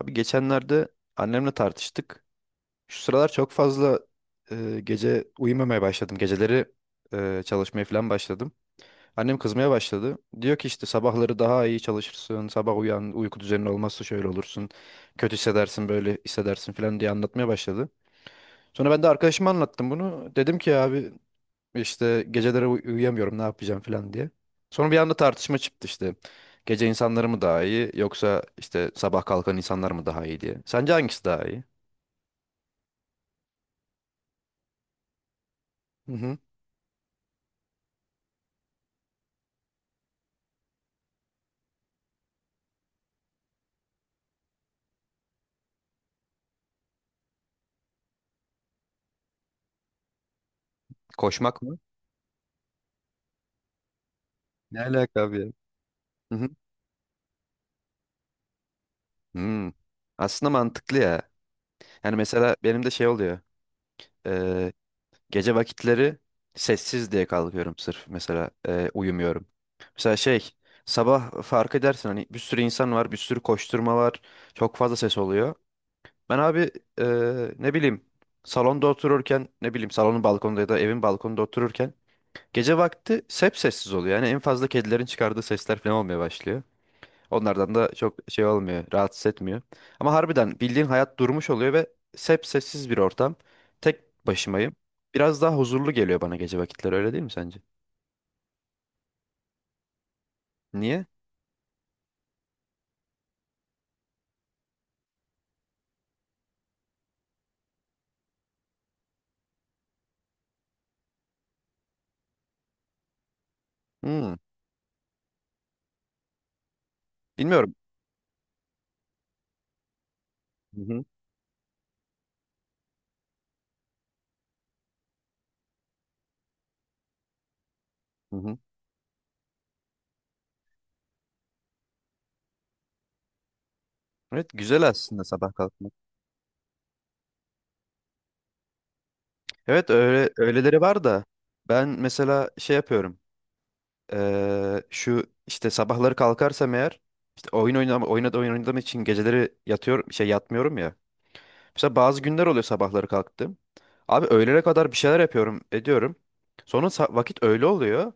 Abi geçenlerde annemle tartıştık. Şu sıralar çok fazla gece uyumamaya başladım. Geceleri çalışmaya falan başladım. Annem kızmaya başladı. Diyor ki işte sabahları daha iyi çalışırsın. Sabah uyan, uyku düzenin olmazsa şöyle olursun. Kötü hissedersin, böyle hissedersin falan diye anlatmaya başladı. Sonra ben de arkadaşıma anlattım bunu. Dedim ki abi işte geceleri uyuyamıyorum ne yapacağım falan diye. Sonra bir anda tartışma çıktı işte. Gece insanları mı daha iyi yoksa işte sabah kalkan insanlar mı daha iyi diye. Sence hangisi daha iyi? Hı hı. Koşmak mı? Ne alaka abi ya? Hı hı. Hmm. Aslında mantıklı ya. Yani mesela benim de şey oluyor. Ee, gece vakitleri sessiz diye kalkıyorum sırf mesela uyumuyorum. Mesela şey sabah fark edersin hani bir sürü insan var bir sürü koşturma var çok fazla ses oluyor. Ben abi ne bileyim salonda otururken ne bileyim salonun balkonunda ya da evin balkonunda otururken gece vakti hep sessiz oluyor. Yani en fazla kedilerin çıkardığı sesler falan olmaya başlıyor. Onlardan da çok şey olmuyor, rahatsız etmiyor. Ama harbiden bildiğin hayat durmuş oluyor ve hep sessiz bir ortam. Tek başımayım. Biraz daha huzurlu geliyor bana gece vakitleri öyle değil mi sence? Niye? Hmm, bilmiyorum. Hı hı, hı hı. Evet, güzel aslında sabah kalkmak. Evet öyle öyleleri var da ben mesela şey yapıyorum. Şu işte sabahları kalkarsam eğer işte oyun oynam oynadı oyun oynadığım için geceleri yatıyor şey yatmıyorum ya. Mesela bazı günler oluyor sabahları kalktım. Abi öğlene kadar bir şeyler yapıyorum, ediyorum. Sonra vakit öğle oluyor.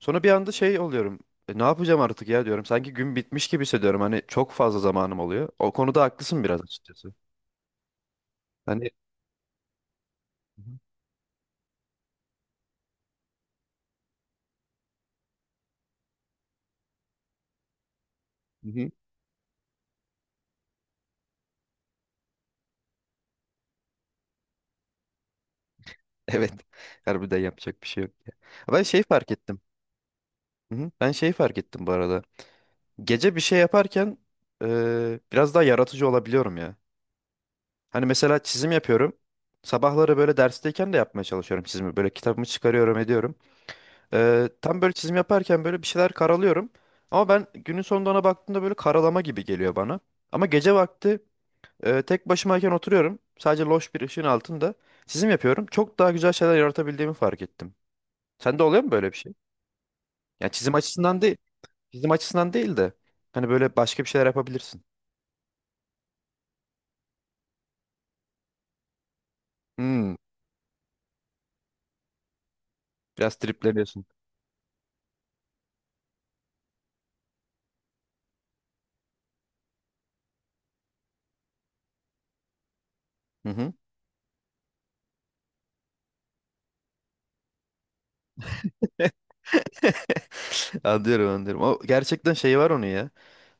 Sonra bir anda şey oluyorum. "E, ne yapacağım artık ya diyorum. Sanki gün bitmiş gibi hissediyorum. Hani çok fazla zamanım oluyor. O konuda haklısın biraz açıkçası. Hani. Hı hı. Evet. Harbiden yapacak bir şey yok ya. Ben şey fark ettim. Hı hı. Ben şey fark ettim bu arada. Gece bir şey yaparken biraz daha yaratıcı olabiliyorum ya. Hani mesela çizim yapıyorum. Sabahları böyle dersteyken de yapmaya çalışıyorum çizimi. Böyle kitabımı çıkarıyorum ediyorum. Tam böyle çizim yaparken böyle bir şeyler karalıyorum. Ama ben günün sonunda ona baktığımda böyle karalama gibi geliyor bana. Ama gece vakti tek başımayken oturuyorum. Sadece loş bir ışığın altında çizim yapıyorum. Çok daha güzel şeyler yaratabildiğimi fark ettim. Sende oluyor mu böyle bir şey? Yani çizim açısından değil. Çizim açısından değil de. Hani böyle başka bir şeyler yapabilirsin. Hmm. Biraz tripleniyorsun. Hı hı. Anlıyorum anlıyorum. O gerçekten şey var onun ya.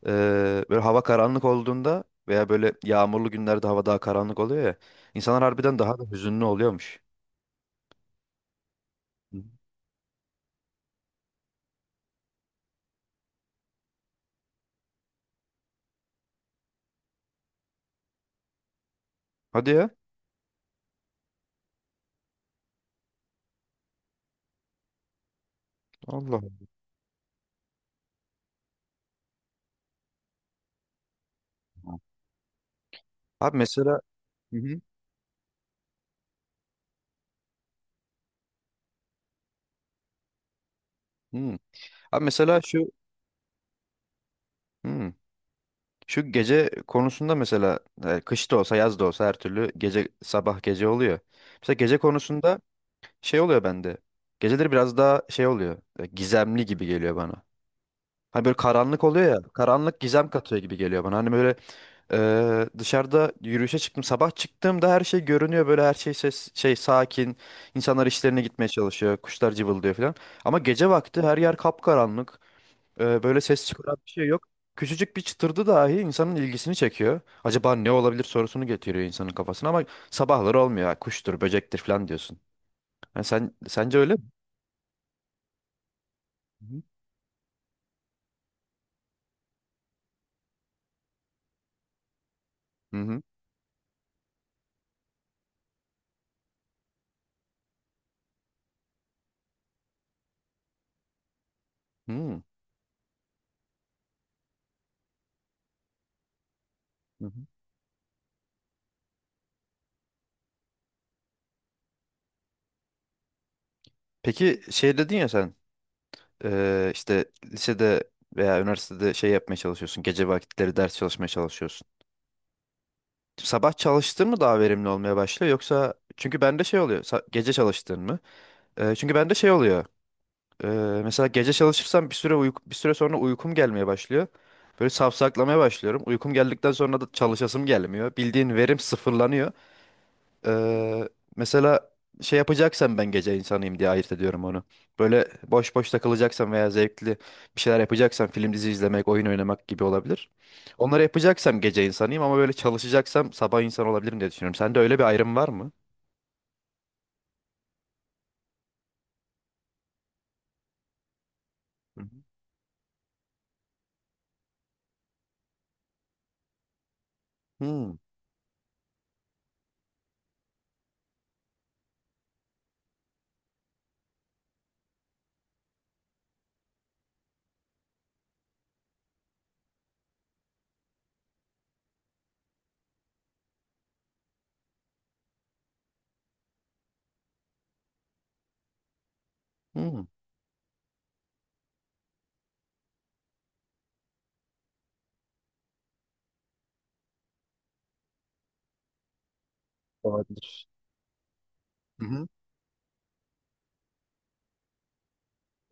Böyle hava karanlık olduğunda veya böyle yağmurlu günlerde hava daha karanlık oluyor ya. İnsanlar harbiden daha da hüzünlü oluyormuş. Hı. Hadi ya. Allah Allah. Abi mesela. Hı hı. Hı. Abi mesela şu. Hı. Şu gece konusunda mesela kış da olsa yaz da olsa her türlü gece sabah gece oluyor. Mesela gece konusunda şey oluyor bende. Geceleri biraz daha şey oluyor. Gizemli gibi geliyor bana. Hani böyle karanlık oluyor ya. Karanlık gizem katıyor gibi geliyor bana. Hani böyle dışarıda yürüyüşe çıktım. Sabah çıktığımda her şey görünüyor. Böyle her şey ses, şey sakin. İnsanlar işlerine gitmeye çalışıyor. Kuşlar cıvıldıyor falan. Ama gece vakti her yer kapkaranlık. Böyle ses çıkaran bir şey yok. Küçücük bir çıtırdı dahi insanın ilgisini çekiyor. Acaba ne olabilir sorusunu getiriyor insanın kafasına ama sabahları olmuyor. Ha, kuştur, böcektir falan diyorsun. Yani sen sence öyle mi? Hı hı. Hı hı. Hı hı. Peki şey dedin ya sen işte lisede veya üniversitede şey yapmaya çalışıyorsun. Gece vakitleri ders çalışmaya çalışıyorsun. Sabah çalıştığın mı daha verimli olmaya başlıyor yoksa çünkü bende şey oluyor. Gece çalıştığın mı? Çünkü bende şey oluyor. eee, mesela gece çalışırsam bir süre sonra uykum gelmeye başlıyor. Böyle safsaklamaya başlıyorum. Uykum geldikten sonra da çalışasım gelmiyor. Bildiğin verim sıfırlanıyor. Eee, mesela şey yapacaksan ben gece insanıyım diye ayırt ediyorum onu. Böyle boş boş takılacaksan veya zevkli bir şeyler yapacaksan film dizi izlemek, oyun oynamak gibi olabilir. Onları yapacaksam gece insanıyım ama böyle çalışacaksam sabah insan olabilirim diye düşünüyorum. Sende öyle bir ayrım var mı? Hı hı. Hmm, hmm. Olabilir. Hı hı.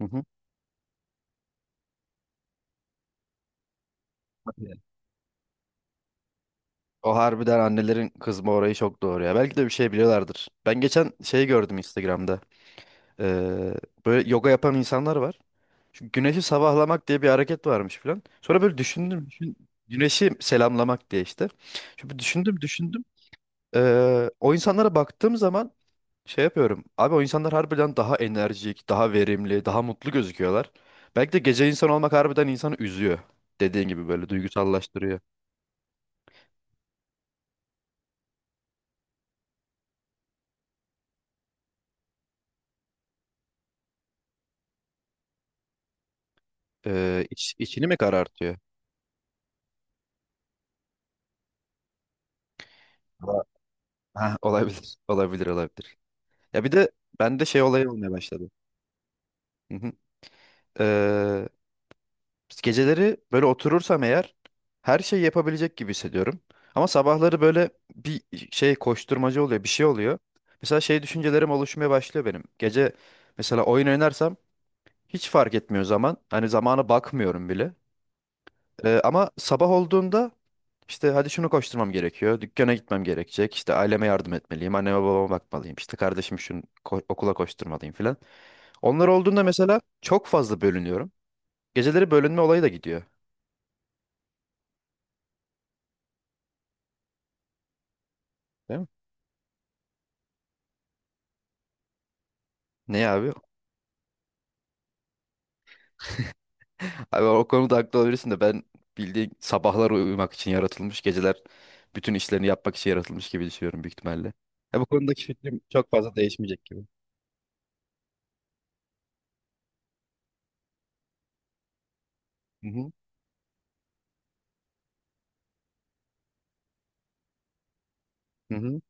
Hı hı. Hadi ya. O harbiden annelerin kızma orayı çok doğru ya. Belki de bir şey biliyorlardır. Ben geçen şey gördüm Instagram'da. Eee, böyle yoga yapan insanlar var. Çünkü güneşi sabahlamak diye bir hareket varmış falan. Sonra böyle düşündüm, güneşi selamlamak diye işte. Şimdi düşündüm, düşündüm. O insanlara baktığım zaman şey yapıyorum. Abi o insanlar harbiden daha enerjik, daha verimli, daha mutlu gözüküyorlar. Belki de gece insan olmak harbiden insanı üzüyor. Dediğin gibi böyle duygusallaştırıyor. İçini mi karartıyor? Valla- Ha, olabilir, olabilir, olabilir. Ya bir de bende şey olayı olmaya başladı. Hı hı. Ee, Geceleri böyle oturursam eğer her şeyi yapabilecek gibi hissediyorum. Ama sabahları böyle bir şey koşturmaca oluyor, bir şey oluyor. Mesela şey düşüncelerim oluşmaya başlıyor benim. Gece mesela oyun oynarsam hiç fark etmiyor zaman. Hani zamana bakmıyorum bile. Ama sabah olduğunda işte hadi şunu koşturmam gerekiyor. Dükkana gitmem gerekecek. İşte aileme yardım etmeliyim. Anneme babama bakmalıyım. İşte kardeşim şunu okula koşturmalıyım filan. Onlar olduğunda mesela çok fazla bölünüyorum. Geceleri bölünme olayı da gidiyor. Değil mi? Ne abi? Abi o konuda haklı olabilirsin de ben bildiğin sabahlar uyumak için yaratılmış, geceler bütün işlerini yapmak için yaratılmış gibi düşünüyorum büyük ihtimalle. Ya bu konudaki fikrim çok fazla değişmeyecek gibi. Hı hı. Hı hı.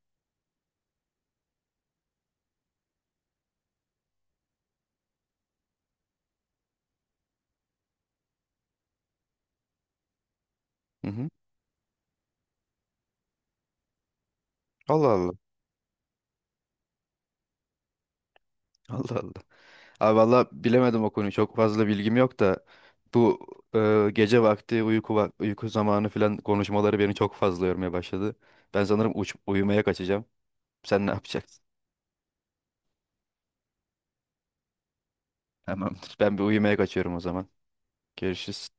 Hı hı. Allah Allah. Allah Allah. Abi valla bilemedim o konuyu. Çok fazla bilgim yok da bu gece vakti uyku uyku zamanı falan konuşmaları beni çok fazla yormaya başladı. Ben sanırım uyumaya kaçacağım. Sen ne yapacaksın? Tamamdır. Ben bir uyumaya kaçıyorum o zaman. Görüşürüz.